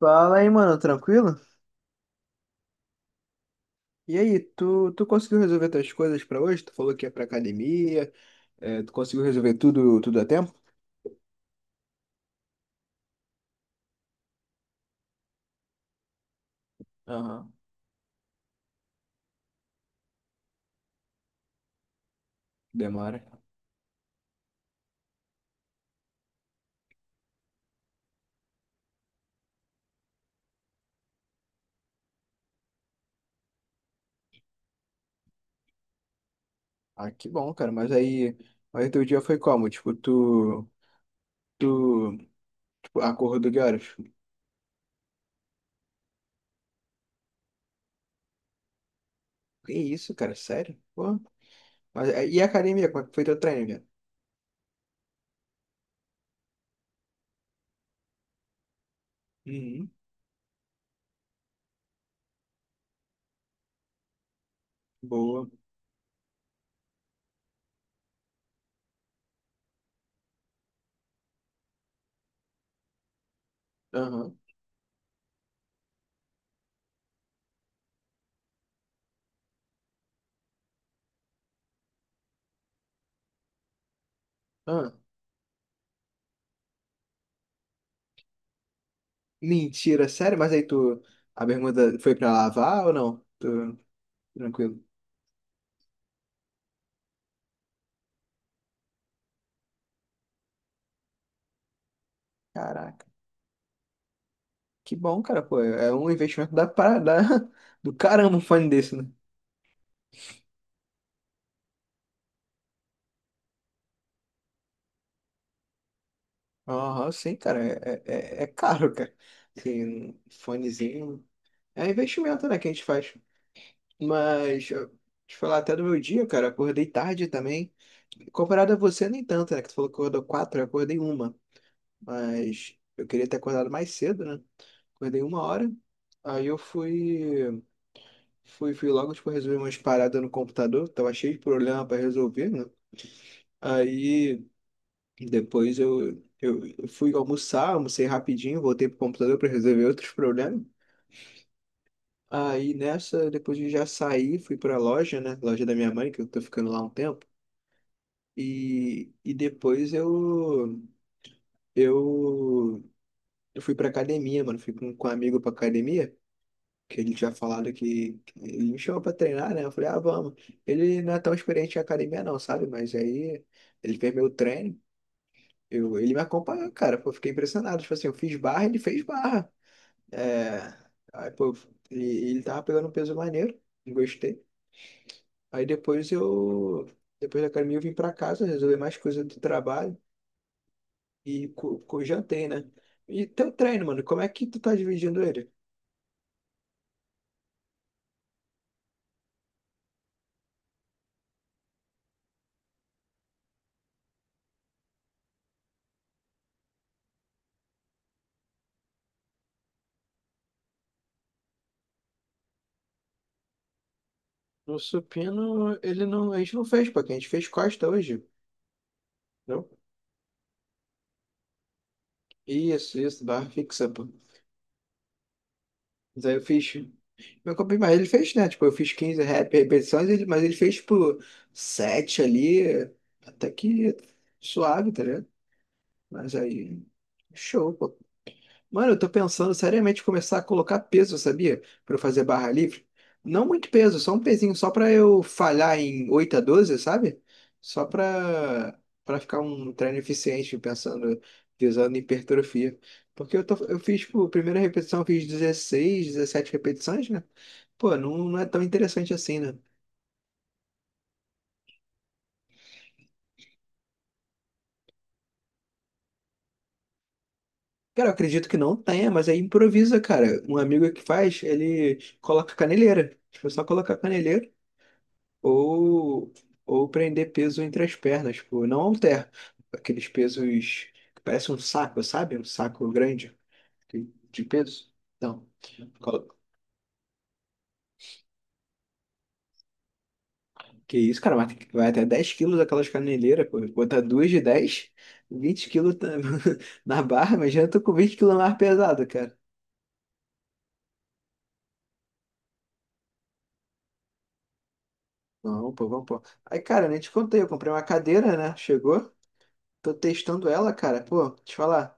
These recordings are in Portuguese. Fala aí, mano, tranquilo? E aí, tu conseguiu resolver tuas coisas pra hoje? Tu falou que ia pra academia, é, tu conseguiu resolver tudo, tudo a tempo? Aham, demora. Ah, que bom, cara, mas aí teu dia foi como? Tipo, tu, acordou de horas? Que isso, cara, sério? Pô, mas, é, e a academia, como é que foi teu treino, velho. Uhum. Boa. Aham, ah, mentira, sério? Mas aí tu, a bermuda foi pra lavar ou não? Tu, tranquilo. Caraca. Que bom, cara, pô. É um investimento da, para- da, do caramba um fone desse, né? Aham, sim, cara. É caro, cara. Assim, um fonezinho. É investimento, né, que a gente faz. Mas, te falar até do meu dia, cara. Acordei tarde também. Comparado a você, nem tanto, né? Que tu falou que acordou quatro, eu acordei uma. Mas eu queria ter acordado mais cedo, né? Acordei uma hora. Aí eu fui logo, tipo, resolver umas paradas no computador. Tava cheio de problema pra resolver, né? Aí. Depois eu fui almoçar, almocei rapidinho, voltei pro computador para resolver outros problemas. Aí nessa, depois de já sair fui pra loja, né? Loja da minha mãe, que eu tô ficando lá um tempo. E depois eu, eu fui pra academia, mano. Fui com um amigo pra academia, que ele tinha falado que ele me chamou pra treinar, né? Eu falei, ah, vamos. Ele não é tão experiente em academia, não, sabe? Mas aí ele fez meu treino. Ele me acompanhou, cara. Pô, eu fiquei impressionado. Tipo assim, eu fiz barra, ele fez barra. É, aí, pô, e ele tava pegando um peso maneiro, gostei. Aí depois depois da academia eu vim pra casa, resolver mais coisas do trabalho e jantei, né? E teu treino, mano, como é que tu tá dividindo ele? No supino, ele não, a gente não fez, pô, que a gente fez costa hoje, não? Isso, barra fixa, pô. Mas aí eu fiz, meu corpo, mas ele fez, né? Tipo, eu fiz 15 repetições, mas ele fez, tipo, 7 ali, até que suave, tá ligado? Mas aí, show, pô. Mano, eu tô pensando seriamente em começar a colocar peso, sabia? Pra eu fazer barra livre. Não muito peso, só um pezinho, só pra eu falhar em 8 a 12, sabe? Só pra ficar um treino eficiente, pensando, visando hipertrofia. Porque eu, tô, eu fiz, tipo, a primeira repetição, eu fiz 16 17 repetições, né? Pô, não, não é tão interessante assim, né? Cara, eu acredito que não tenha, mas aí improvisa, cara. Um amigo que faz, ele coloca caneleira. Tipo, só colocar caneleira. Ou, ou prender peso entre as pernas, pô. Não halter. Aqueles pesos que parecem um saco, sabe? Um saco grande de peso. Então, colo- que isso, cara, mas vai até 10 quilos aquelas caneleiras, pô. Botar duas de 10, 20 quilos tá- na barra, imagina, eu tô com 20 quilos mais pesado, cara. Não, pô, vamos, pô. Aí, cara, nem te contei, eu comprei uma cadeira, né? Chegou, tô testando ela, cara. Pô, te falar.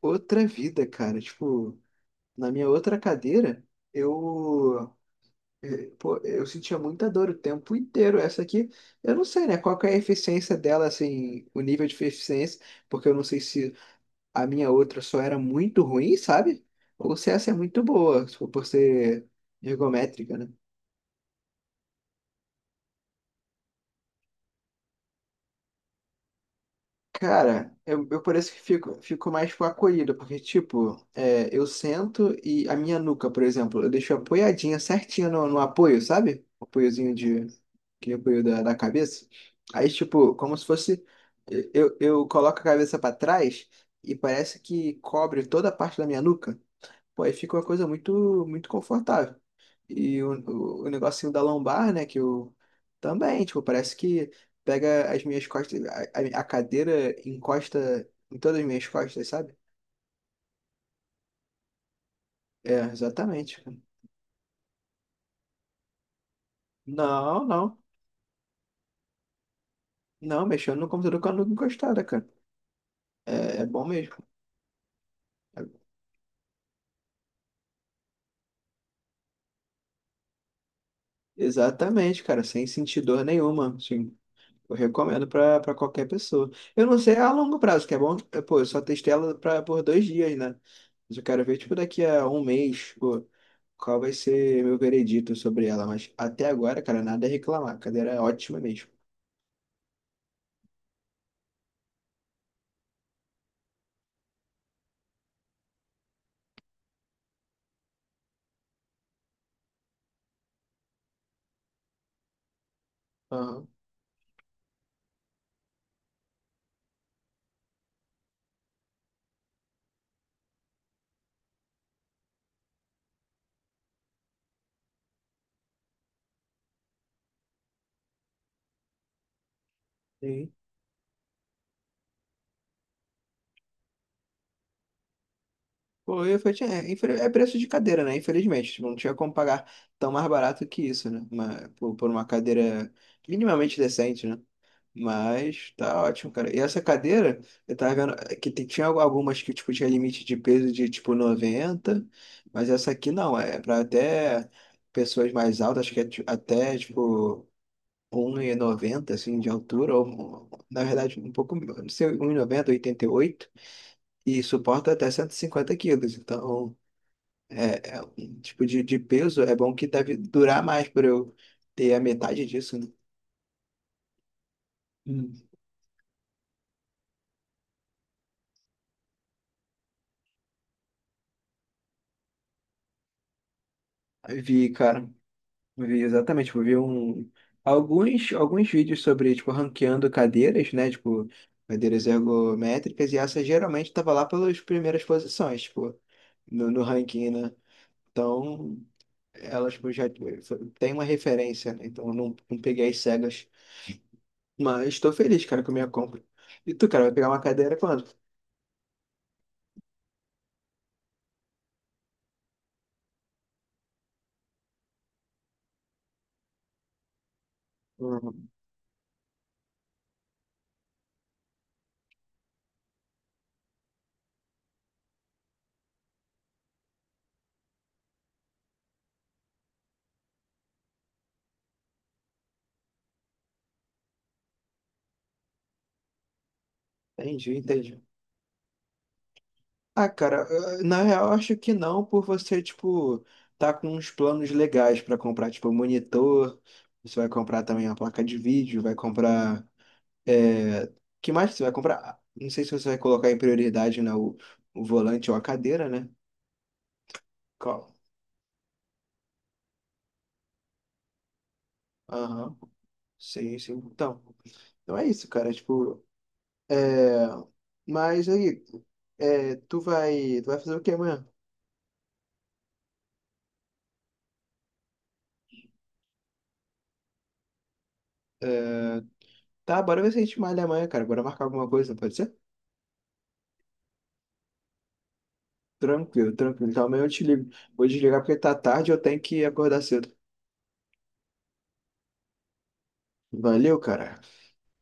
Outra vida, cara. Tipo. Na minha outra cadeira, eu, pô, eu sentia muita dor o tempo inteiro. Essa aqui, eu não sei, né? Qual que é a eficiência dela, assim, o nível de eficiência, porque eu não sei se a minha outra só era muito ruim, sabe? Ou se essa é muito boa, se for por ser ergométrica, né? Cara, eu parece que fico mais tipo, acolhido, porque, tipo, é, eu sento e a minha nuca, por exemplo, eu deixo apoiadinha certinha no apoio, sabe? Apoiozinho de. Aquele apoio da cabeça. Aí, tipo, como se fosse. Eu coloco a cabeça pra trás e parece que cobre toda a parte da minha nuca. Pô, aí fica uma coisa muito, muito confortável. E o negocinho da lombar, né, que eu também, tipo, parece que pega as minhas costas, a cadeira encosta em todas as minhas costas, sabe? É, exatamente, cara. Não, não, não, mexendo no computador com a nuca encostada, cara. É bom mesmo. Exatamente, cara, sem sentir dor nenhuma, assim. Eu recomendo pra qualquer pessoa. Eu não sei a longo prazo, que é bom. Pô, eu só testei ela por 2 dias, né? Mas eu quero ver, tipo, daqui a um mês, pô, qual vai ser meu veredito sobre ela. Mas até agora, cara, nada a reclamar. A cadeira é ótima mesmo. Aham. Sim. Pô, eu falei, é, é preço de cadeira, né? Infelizmente, tipo, não tinha como pagar tão mais barato que isso, né? Mas, por uma cadeira minimamente decente, né? Mas tá ótimo, cara. E essa cadeira, eu tava vendo é, que tinha algumas que tipo, tinha limite de peso de tipo 90. Mas essa aqui não, é pra até pessoas mais altas, acho que é até tipo 1,90 assim de altura, ou na verdade um pouco, não sei, 1,90 1,88 e suporta até 150 quilos, então. É um tipo de peso, é bom que deve durar mais para eu ter a metade disso, né? Hum. Eu vi, cara, eu vi exatamente, tipo, eu vi alguns vídeos sobre, tipo, ranqueando cadeiras, né? Tipo, cadeiras ergométricas, e essa geralmente tava lá pelas primeiras posições, tipo, no ranking, né? Então, elas, tipo, já tem uma referência, né? Então, eu não peguei as cegas, mas estou feliz, cara, com a minha compra. E tu, cara, vai pegar uma cadeira quando? Hum. Entendi, entendi. Ah, cara, na real, eu acho que não, por você, tipo, tá com uns planos legais pra comprar, tipo, um monitor, você vai comprar também a placa de vídeo, vai comprar. É. Que mais que você vai comprar? Ah, não sei se você vai colocar em prioridade, né, o volante ou a cadeira, né? Qual? Aham, sim, sim. Então é isso, cara, tipo, é. Mas aí, é, tu vai fazer o quê amanhã? É, tá, bora ver se a gente malha amanhã, cara, bora marcar alguma coisa, pode ser? Tranquilo, tranquilo. Então amanhã eu te ligo. Vou desligar porque tá tarde e eu tenho que acordar cedo. Valeu, cara.